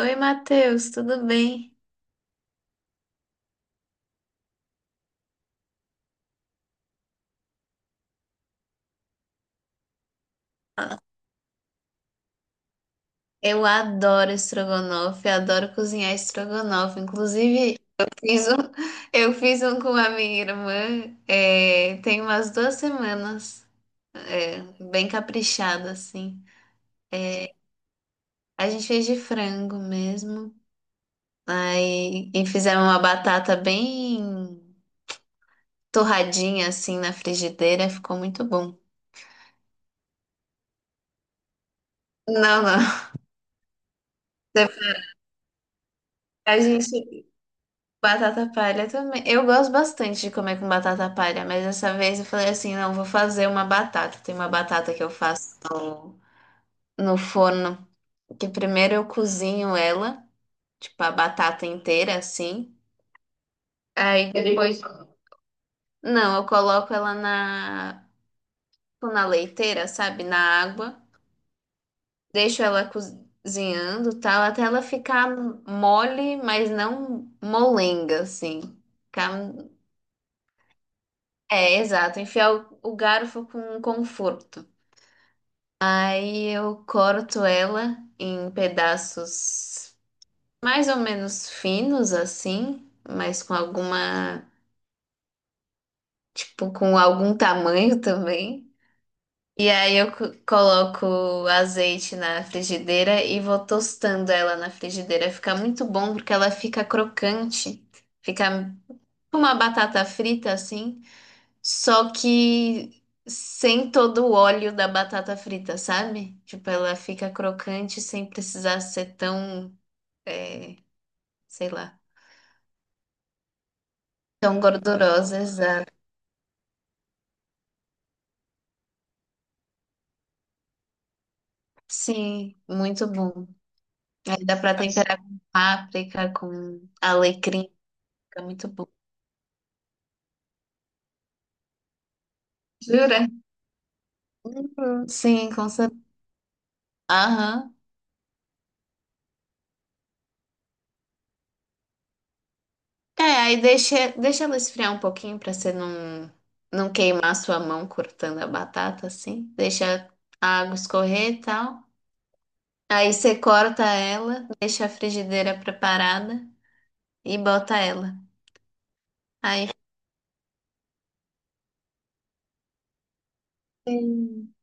Oi, Matheus, tudo bem? Eu adoro estrogonofe, adoro cozinhar estrogonofe. Inclusive, eu fiz um com a minha irmã, tem umas duas semanas, é, bem caprichado, assim. A gente fez de frango mesmo, aí, e fizemos uma batata bem torradinha, assim, na frigideira, ficou muito bom. Não, não, a gente Batata palha também. Eu gosto bastante de comer com batata palha, mas dessa vez eu falei assim, não, vou fazer uma batata. Tem uma batata que eu faço no forno, que primeiro eu cozinho ela, tipo a batata inteira assim. Aí depois, não, eu coloco ela na leiteira, sabe, na água, deixo ela cozinhando, tal, até ela ficar mole, mas não molenga assim. Ficar- É, exato. Enfiar o garfo com conforto. Aí eu corto ela em pedaços mais ou menos finos assim, mas com alguma, tipo, com algum tamanho também. E aí eu coloco azeite na frigideira e vou tostando ela na frigideira. Fica muito bom porque ela fica crocante. Fica tipo, uma batata frita assim. Só que sem todo o óleo da batata frita, sabe? Tipo, ela fica crocante sem precisar ser tão, é, sei lá, tão gordurosa, exato. Sim, muito bom. Aí dá pra temperar com páprica, com alecrim, fica muito bom. Jura? Uhum. Sim, com certeza. Aham. É, aí deixa ela esfriar um pouquinho pra você não, não queimar a sua mão cortando a batata, assim. Deixa a água escorrer e tal. Aí você corta ela, deixa a frigideira preparada e bota ela. Aí Sim.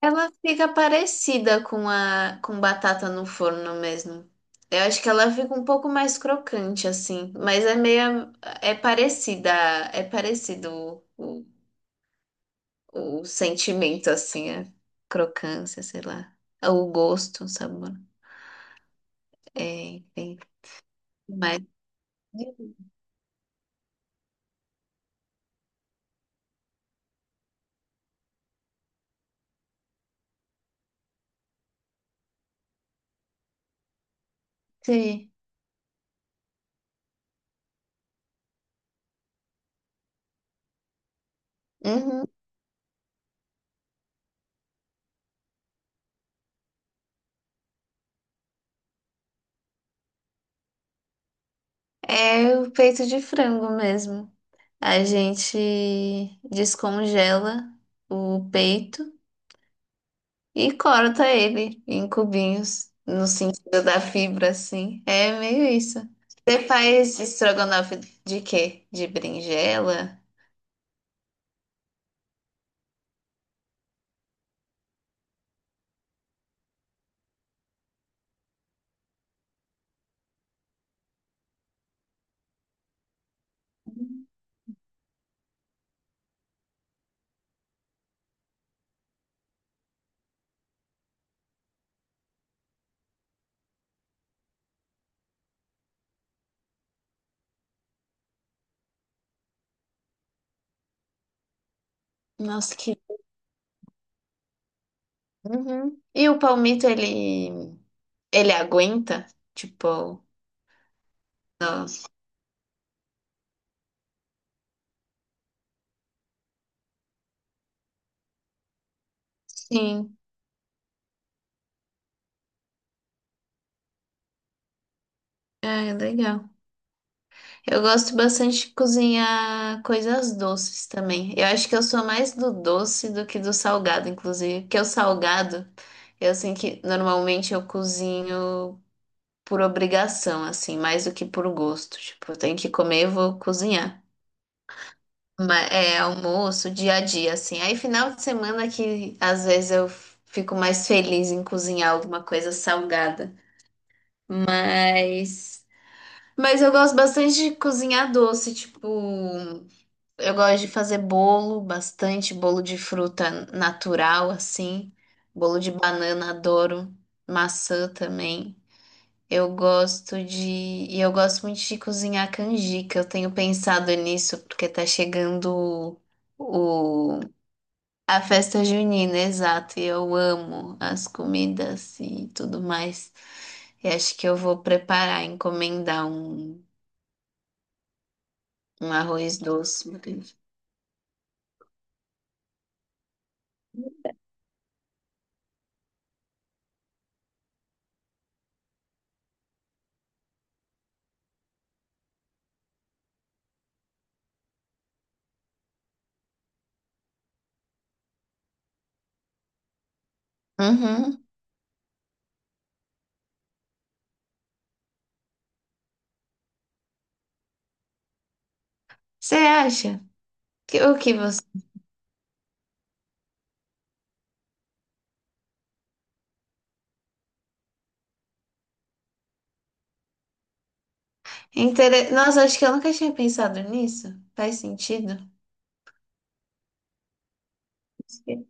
Ela fica parecida com a com batata no forno mesmo. Eu acho que ela fica um pouco mais crocante assim, mas é meio é parecida, é parecido o sentimento assim, a crocância, sei lá, o gosto, o sabor. É, enfim, mas Sim. Uhum. É o peito de frango mesmo. A gente descongela o peito e corta ele em cubinhos, no sentido da fibra, assim. É meio isso. Você faz estrogonofe de quê? De berinjela? Nossa, que. Uhum. E o palmito, ele aguenta? Tipo, sim. É, legal. Eu gosto bastante de cozinhar coisas doces também. Eu acho que eu sou mais do doce do que do salgado, inclusive. Porque o salgado, eu sei que normalmente eu cozinho por obrigação, assim, mais do que por gosto. Tipo, eu tenho que comer, eu vou cozinhar. Mas é almoço, dia a dia, assim. Aí final de semana que às vezes eu fico mais feliz em cozinhar alguma coisa salgada. Mas. Mas eu gosto bastante de cozinhar doce, tipo. Eu gosto de fazer bolo, bastante bolo de fruta natural, assim. Bolo de banana, adoro. Maçã também. Eu gosto de. E eu gosto muito de cozinhar canjica. Eu tenho pensado nisso, porque tá chegando o... a festa junina, exato. E eu amo as comidas e tudo mais. E acho que eu vou preparar, encomendar um, um arroz doce. Uhum. Você acha? Que- O que você Intere- Nossa, acho que eu nunca tinha pensado nisso. Faz sentido? Acho que-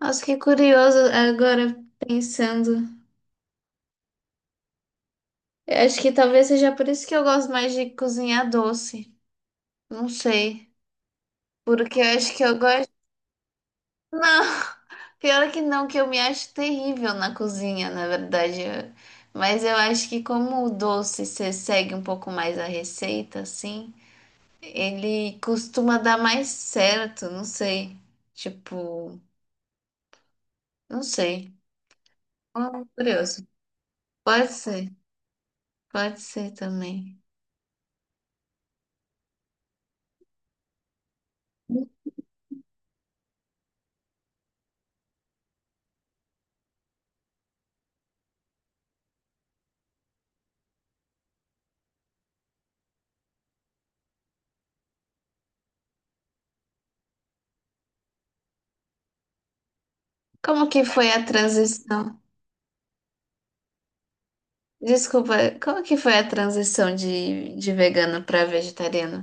Nossa, que curioso agora pensando. Eu acho que talvez seja por isso que eu gosto mais de cozinhar doce. Não sei. Porque eu acho que eu gosto. Não, pior que não, que eu me acho terrível na cozinha, na verdade. Eu- Mas eu acho que como o doce você segue um pouco mais a receita, assim, ele costuma dar mais certo, não sei. Tipo, não sei. Ah, curioso. Pode ser, pode ser também. Como que foi a transição? Desculpa, como que foi a transição de vegano para vegetariano?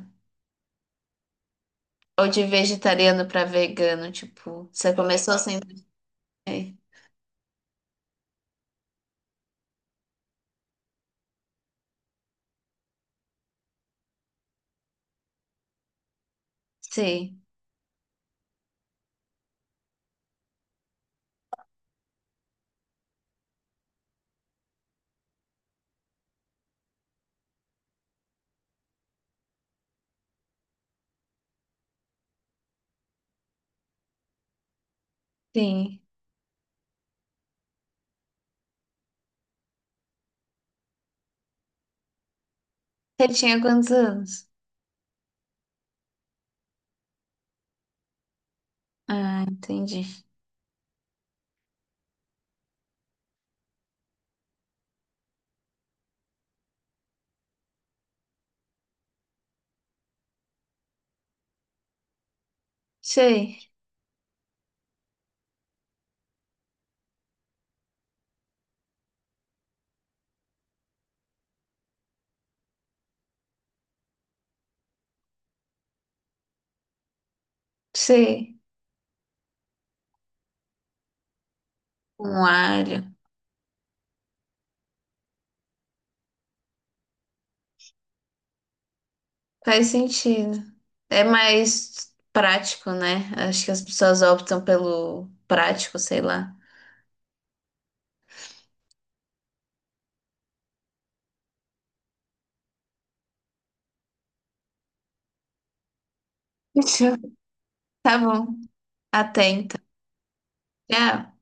Ou de vegetariano para vegano, tipo, você começou sempre. Bem? Sim, sim. Você tinha quantos anos? Ah, entendi. Sei, sei. Um alho. Faz sentido. É mais prático, né? Acho que as pessoas optam pelo prático, sei lá. Tchau. Tá bom. Atenta é.